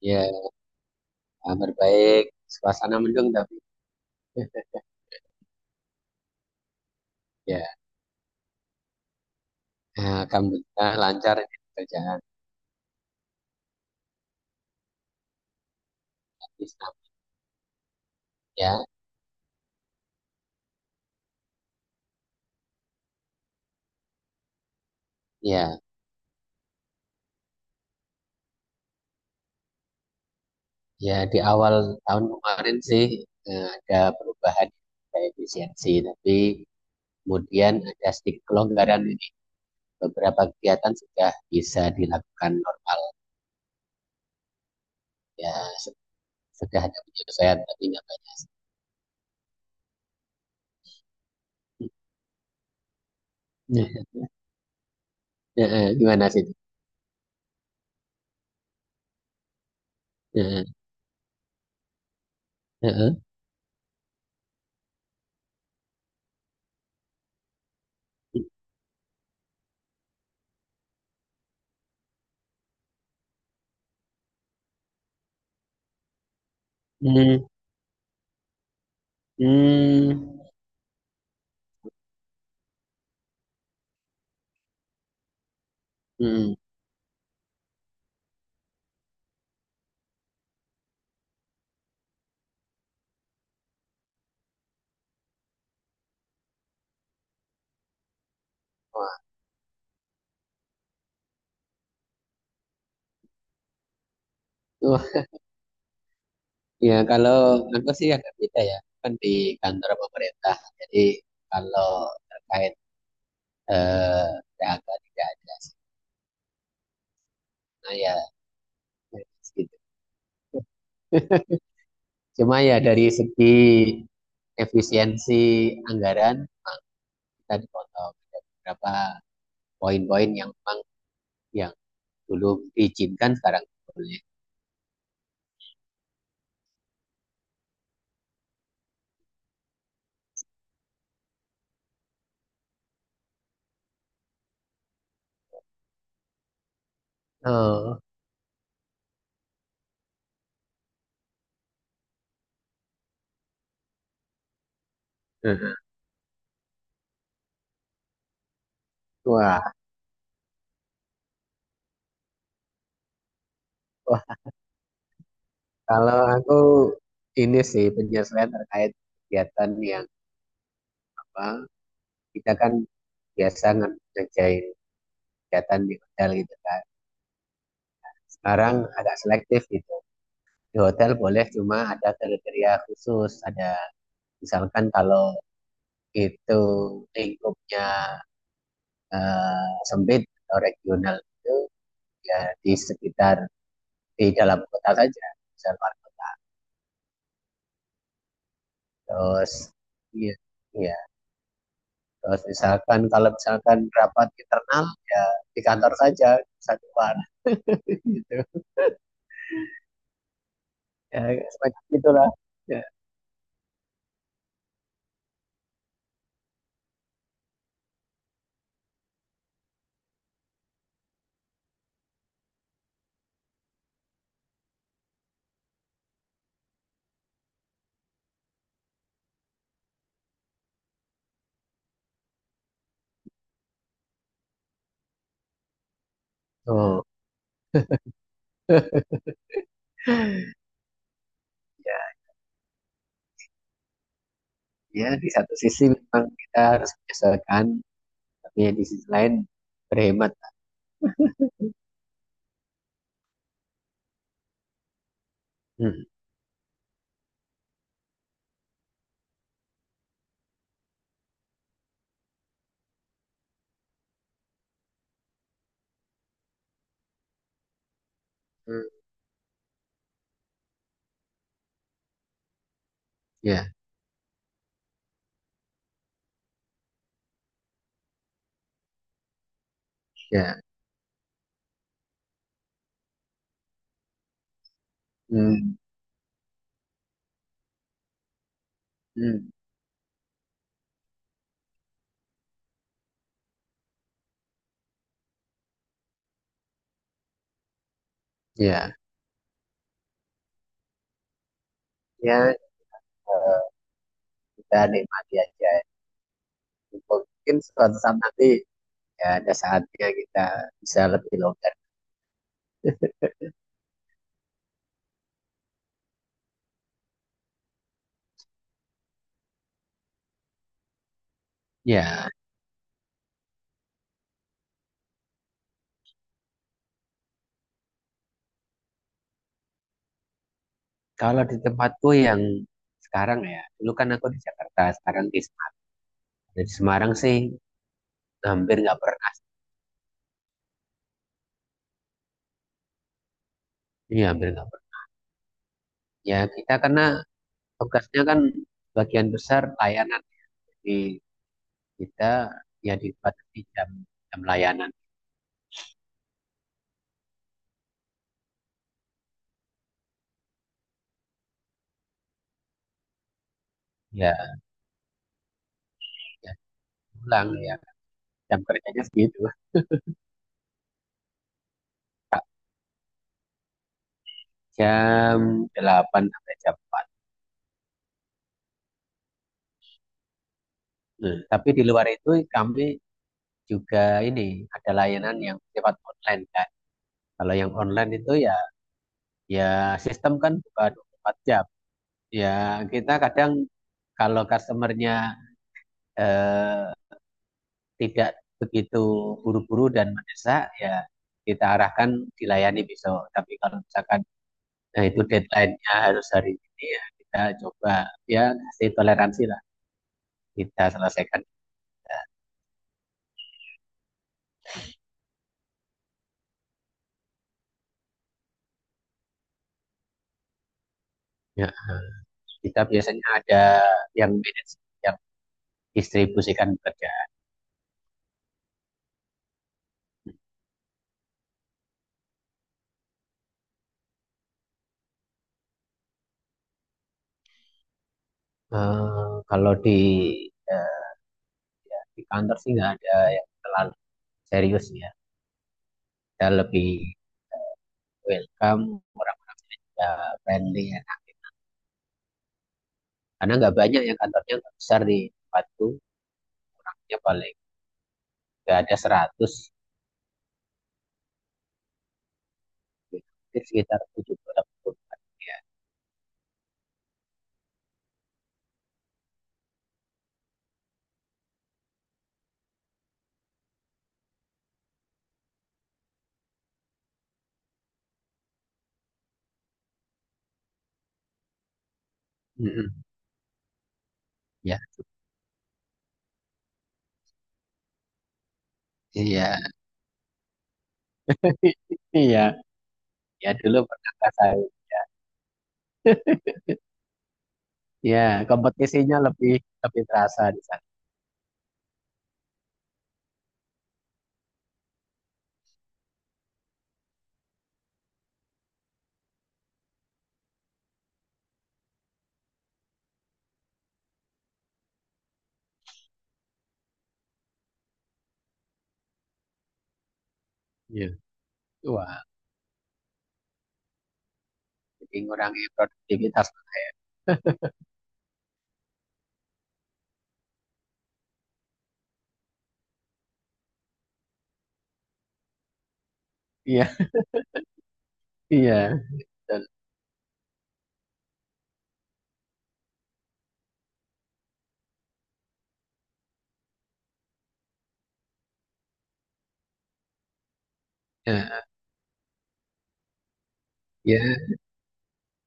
Ya, kabar baik. Suasana mendung tapi ya, alhamdulillah lancar ini kerjaan. Tapi sama- ya. Ya, ya, di awal tahun kemarin sih, ada perubahan kayak efisiensi, tapi kemudian ada sedikit kelonggaran ini. Beberapa kegiatan sudah bisa dilakukan normal. Ya, se- sudah ada penyelesaian tapi nggak banyak. Ya, ya, ya. Gimana sih? Ya, ya, ya. Hmm, hmm, hmm. Wah, itu. Ya, kalau aku sih agak beda ya. Kan di kantor pemerintah. Jadi kalau terkait, eh, PHK tidak ada. Nah, ya, ya, gitu. Cuma ya dari segi efisiensi anggaran, kita dipotong ada beberapa poin-poin yang memang yang dulu diizinkan sekarang boleh. Oh. Mhm. Wah, wah, kalau aku ini sih penyesuaian terkait kegiatan yang apa, kita kan biasa ngerjain kegiatan di hotel gitu kan. Sekarang agak selektif gitu. Di hotel boleh cuma ada kriteria khusus, ada misalkan kalau itu lingkupnya sempit atau regional, itu ya di sekitar, di dalam kota saja, misalkan. Terus iya, iya, terus misalkan kalau misalkan rapat internal ya di kantor saja, satu keluar. Gitu ya, semacam itulah ya. Oh. Ya, di satu sisi memang kita harus menyesalkan tapi di sisi lain berhemat. Hmm, hmm, ya, ya, hmm, hmm, ya, ya, eh, kita nikmati aja. Mungkin suatu saat nanti ya ada saatnya kita bisa lebih longgar. Ya, kalau di tempatku yang sekarang ya, dulu kan aku di Jakarta, sekarang di Semarang. Di Semarang sih hampir nggak pernah. Iya, hampir nggak pernah. Ya, kita karena tugasnya kan bagian besar layanan di kita, ya dibatasi jam, jam layanan ya. Ya, pulang ya, jam kerjanya segitu, jam 8 sampai jam 4. Nah, tapi di luar itu kami juga ini ada layanan yang sifat online kan. Kalau yang online itu, ya, ya sistem kan buka 24 jam, ya kita kadang kalau customernya eh, tidak begitu buru-buru dan mendesak ya kita arahkan, dilayani besok. Tapi kalau misalkan, nah, itu deadline-nya harus hari ini ya, kita coba, ya kasih toleransi lah, kita selesaikan. Ya, kita biasanya ada yang manage, yang distribusikan kerja. Kalau di, eh, ya, di kantor sih nggak ada yang terlalu serius ya. Kita lebih welcome, orang-orangnya juga friendly ya. Karena nggak banyak, yang kantornya nggak besar di tempatku. Ya paling nggak ada 100 gitu. Mungkin sekitar 70 orang ya. Mm-mm. Ya, iya. Iya, ya dulu pernah ngerasain. Ya, kompetisinya lebih lebih terasa di sana. Iya. Wah, jadi ngurangi produktivitas. Iya, iya. Dan, ya, ya.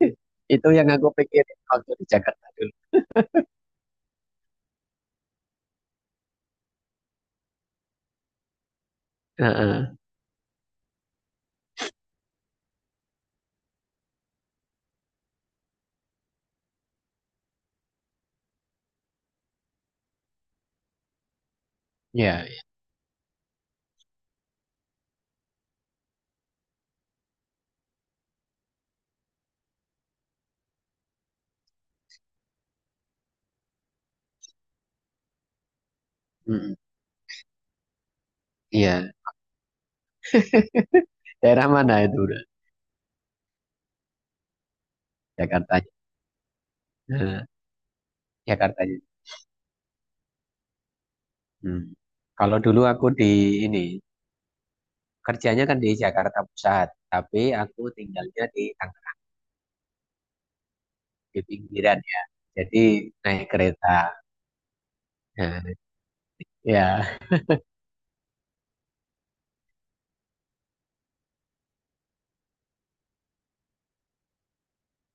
Itu yang aku pikirin waktu di Jakarta dulu. Heeh. Iya, iya. Mm, iya. Daerah mana itu udah? Jakarta. Heeh, Jakarta. Hmm. Kalau dulu aku di ini kerjanya kan di Jakarta Pusat, tapi aku tinggalnya di Tangerang. Di pinggiran ya. Jadi naik kereta. Nah, ya,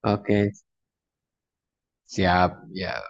oke, siap ya.